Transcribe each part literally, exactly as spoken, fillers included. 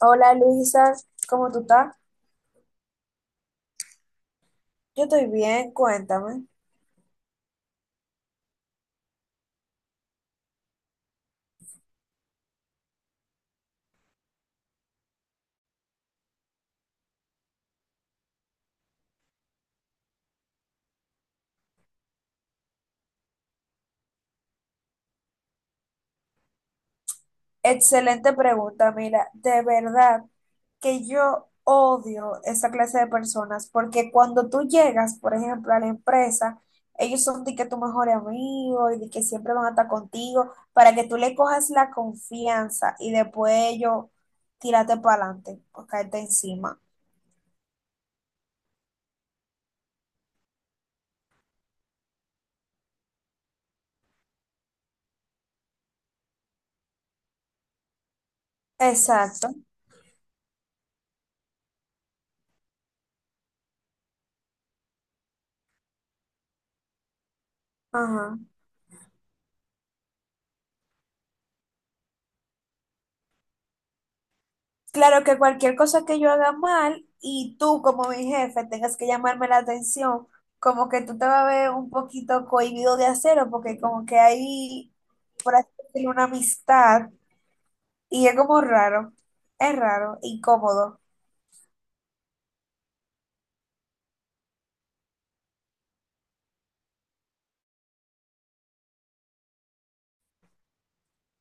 Hola Luisa, ¿cómo tú estás? Yo estoy bien, cuéntame. Excelente pregunta, mira, de verdad que yo odio esa clase de personas porque cuando tú llegas, por ejemplo, a la empresa, ellos son de que tu mejor amigo y de que siempre van a estar contigo para que tú le cojas la confianza y después ellos tírate para adelante o caerte encima. Exacto. Ajá. Claro que cualquier cosa que yo haga mal y tú como mi jefe tengas que llamarme la atención, como que tú te vas a ver un poquito cohibido de hacerlo porque como que hay, por así decirlo, una amistad y es como raro, es raro, incómodo.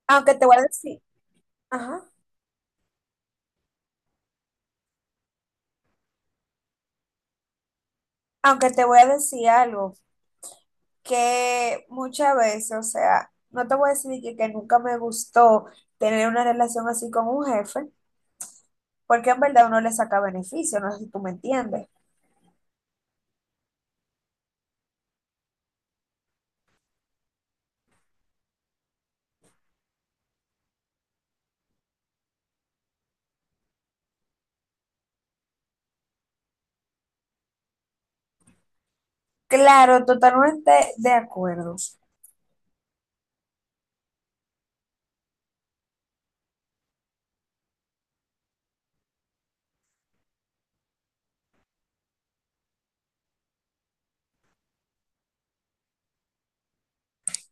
Aunque te voy a decir, ajá, aunque te voy a decir algo que muchas veces, o sea, no te voy a decir que, que nunca me gustó tener una relación así con un jefe, porque en verdad uno le saca beneficio, no sé si tú me entiendes. Claro, totalmente de acuerdo.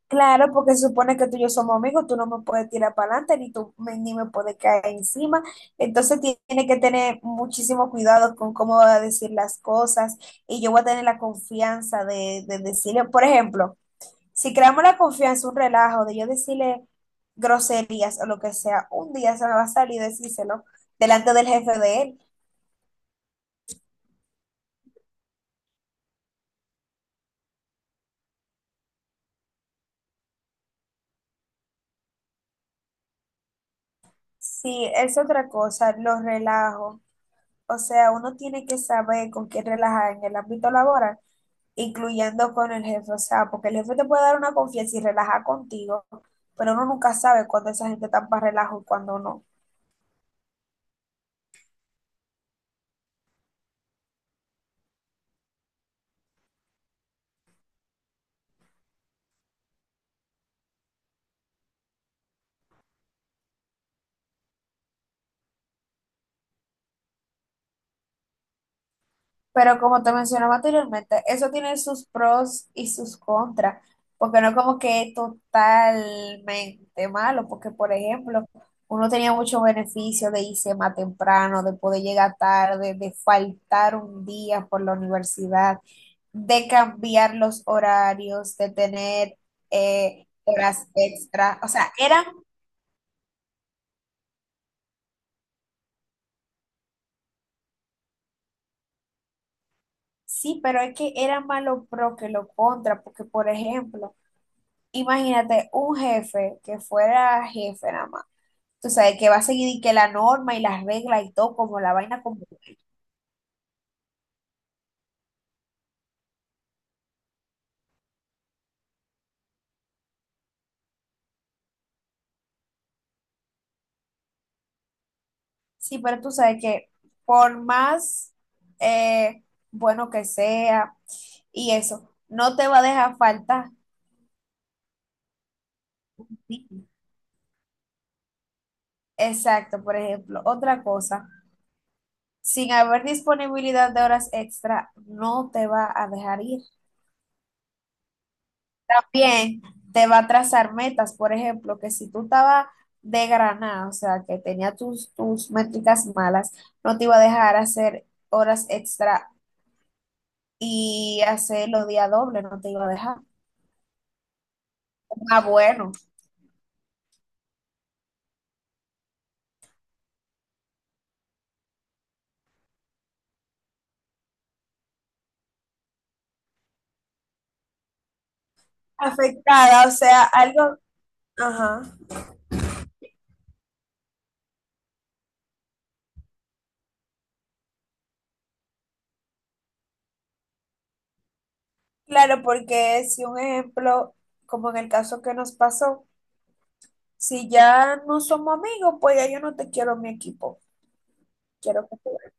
Claro, porque se supone que tú y yo somos amigos, tú no me puedes tirar para adelante, ni tú me- ni me puedes caer encima. Entonces ti- tiene que tener muchísimo cuidado con cómo va a decir las cosas y yo voy a tener la confianza de, de decirle, por ejemplo, si creamos la confianza, un relajo de yo decirle groserías o lo que sea, un día se me va a salir decírselo delante del jefe de él. Si es otra cosa, los relajo. O sea, uno tiene que saber con quién relajar en el ámbito laboral, incluyendo con el jefe. O sea, porque el jefe te puede dar una confianza y relajar contigo, pero uno nunca sabe cuándo esa gente está para relajo y cuándo no. Pero como te mencionaba anteriormente, eso tiene sus pros y sus contras, porque no es como que es totalmente malo, porque por ejemplo, uno tenía muchos beneficios de irse más temprano, de poder llegar tarde, de faltar un día por la universidad, de cambiar los horarios, de tener eh, horas extra. O sea, eran, sí, pero es que era más lo pro que lo contra, porque por ejemplo, imagínate un jefe que fuera jefe nada más. Tú sabes que va a seguir y que la norma y las reglas y todo, como la vaina como sí, pero tú sabes que por más eh, bueno que sea y eso, no te va a dejar falta. Exacto, por ejemplo. Otra cosa, sin haber disponibilidad de horas extra, no te va a dejar ir. También te va a trazar metas, por ejemplo, que si tú estabas de granada, o sea, que tenía tus, tus métricas malas, no te iba a dejar hacer horas extra y hacer los días dobles, no te iba a dejar. Ah, bueno. Afectada, o sea, algo, ajá. Claro, porque si un ejemplo, como en el caso que nos pasó, si ya no somos amigos, pues ya yo no te quiero en mi equipo. Quiero que tú veas.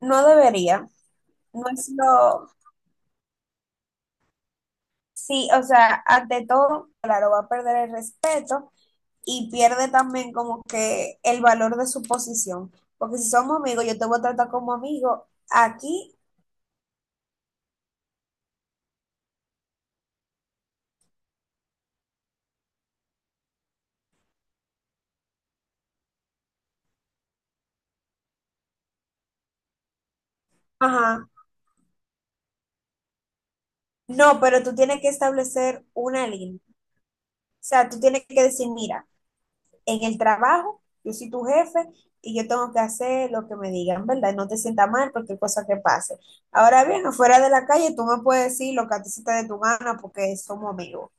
No debería, no es lo, sí, o sea, ante todo, claro, va a perder el respeto y pierde también como que el valor de su posición, porque si somos amigos, yo te voy a tratar como amigo, aquí, ajá, no, pero tú tienes que establecer una línea, o sea, tú tienes que decir, mira, en el trabajo, yo soy tu jefe y yo tengo que hacer lo que me digan, ¿verdad? Y no te sienta mal porque cosa que pase. Ahora bien, afuera de la calle tú me puedes decir lo que a ti se te dé tu gana porque somos amigos.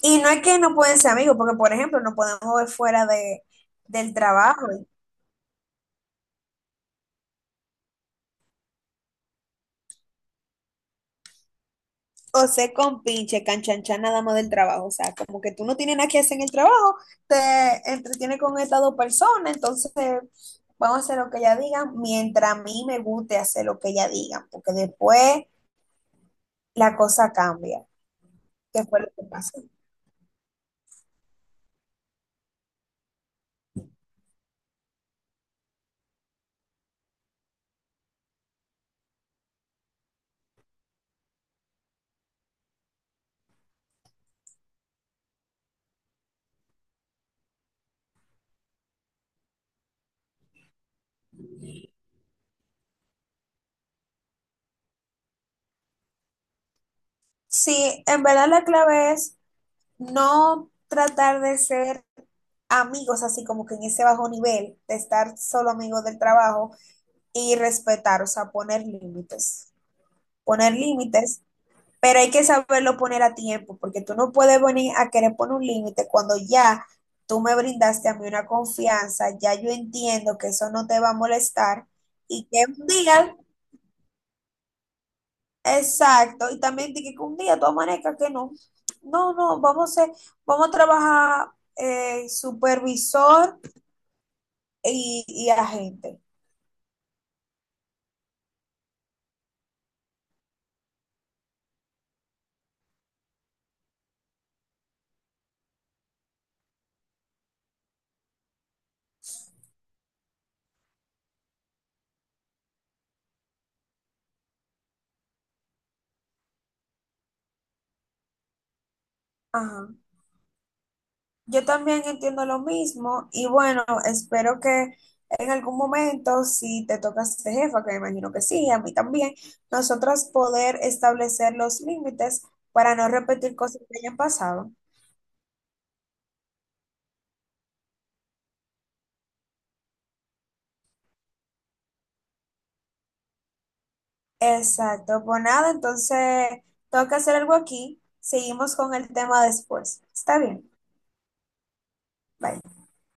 Y no es que no pueden ser amigos, porque por ejemplo no podemos ver fuera de, del trabajo. O ser con pinche canchanchan nada más del trabajo. O sea, como que tú no tienes nada que hacer en el trabajo, te entretienes con estas dos personas, entonces vamos a hacer lo que ella diga mientras a mí me guste hacer lo que ella diga, porque después la cosa cambia. ¿Qué fue lo que pasó? Sí, en verdad la clave es no tratar de ser amigos así como que en ese bajo nivel, de estar solo amigos del trabajo y respetar, o sea, poner límites, poner límites, pero hay que saberlo poner a tiempo, porque tú no puedes venir a querer poner un límite cuando ya tú me brindaste a mí una confianza, ya yo entiendo que eso no te va a molestar y que un día exacto, y también de que un día tú amanezcas que no, no, no, vamos a, ser- vamos a trabajar eh, supervisor y, y agente. Ajá. Yo también entiendo lo mismo y bueno, espero que en algún momento, si te toca ser jefa, que me imagino que sí, y a mí también, nosotras poder establecer los límites para no repetir cosas que hayan pasado. Exacto, pues nada, entonces tengo que hacer algo aquí. Seguimos con el tema después. Está bien, bye.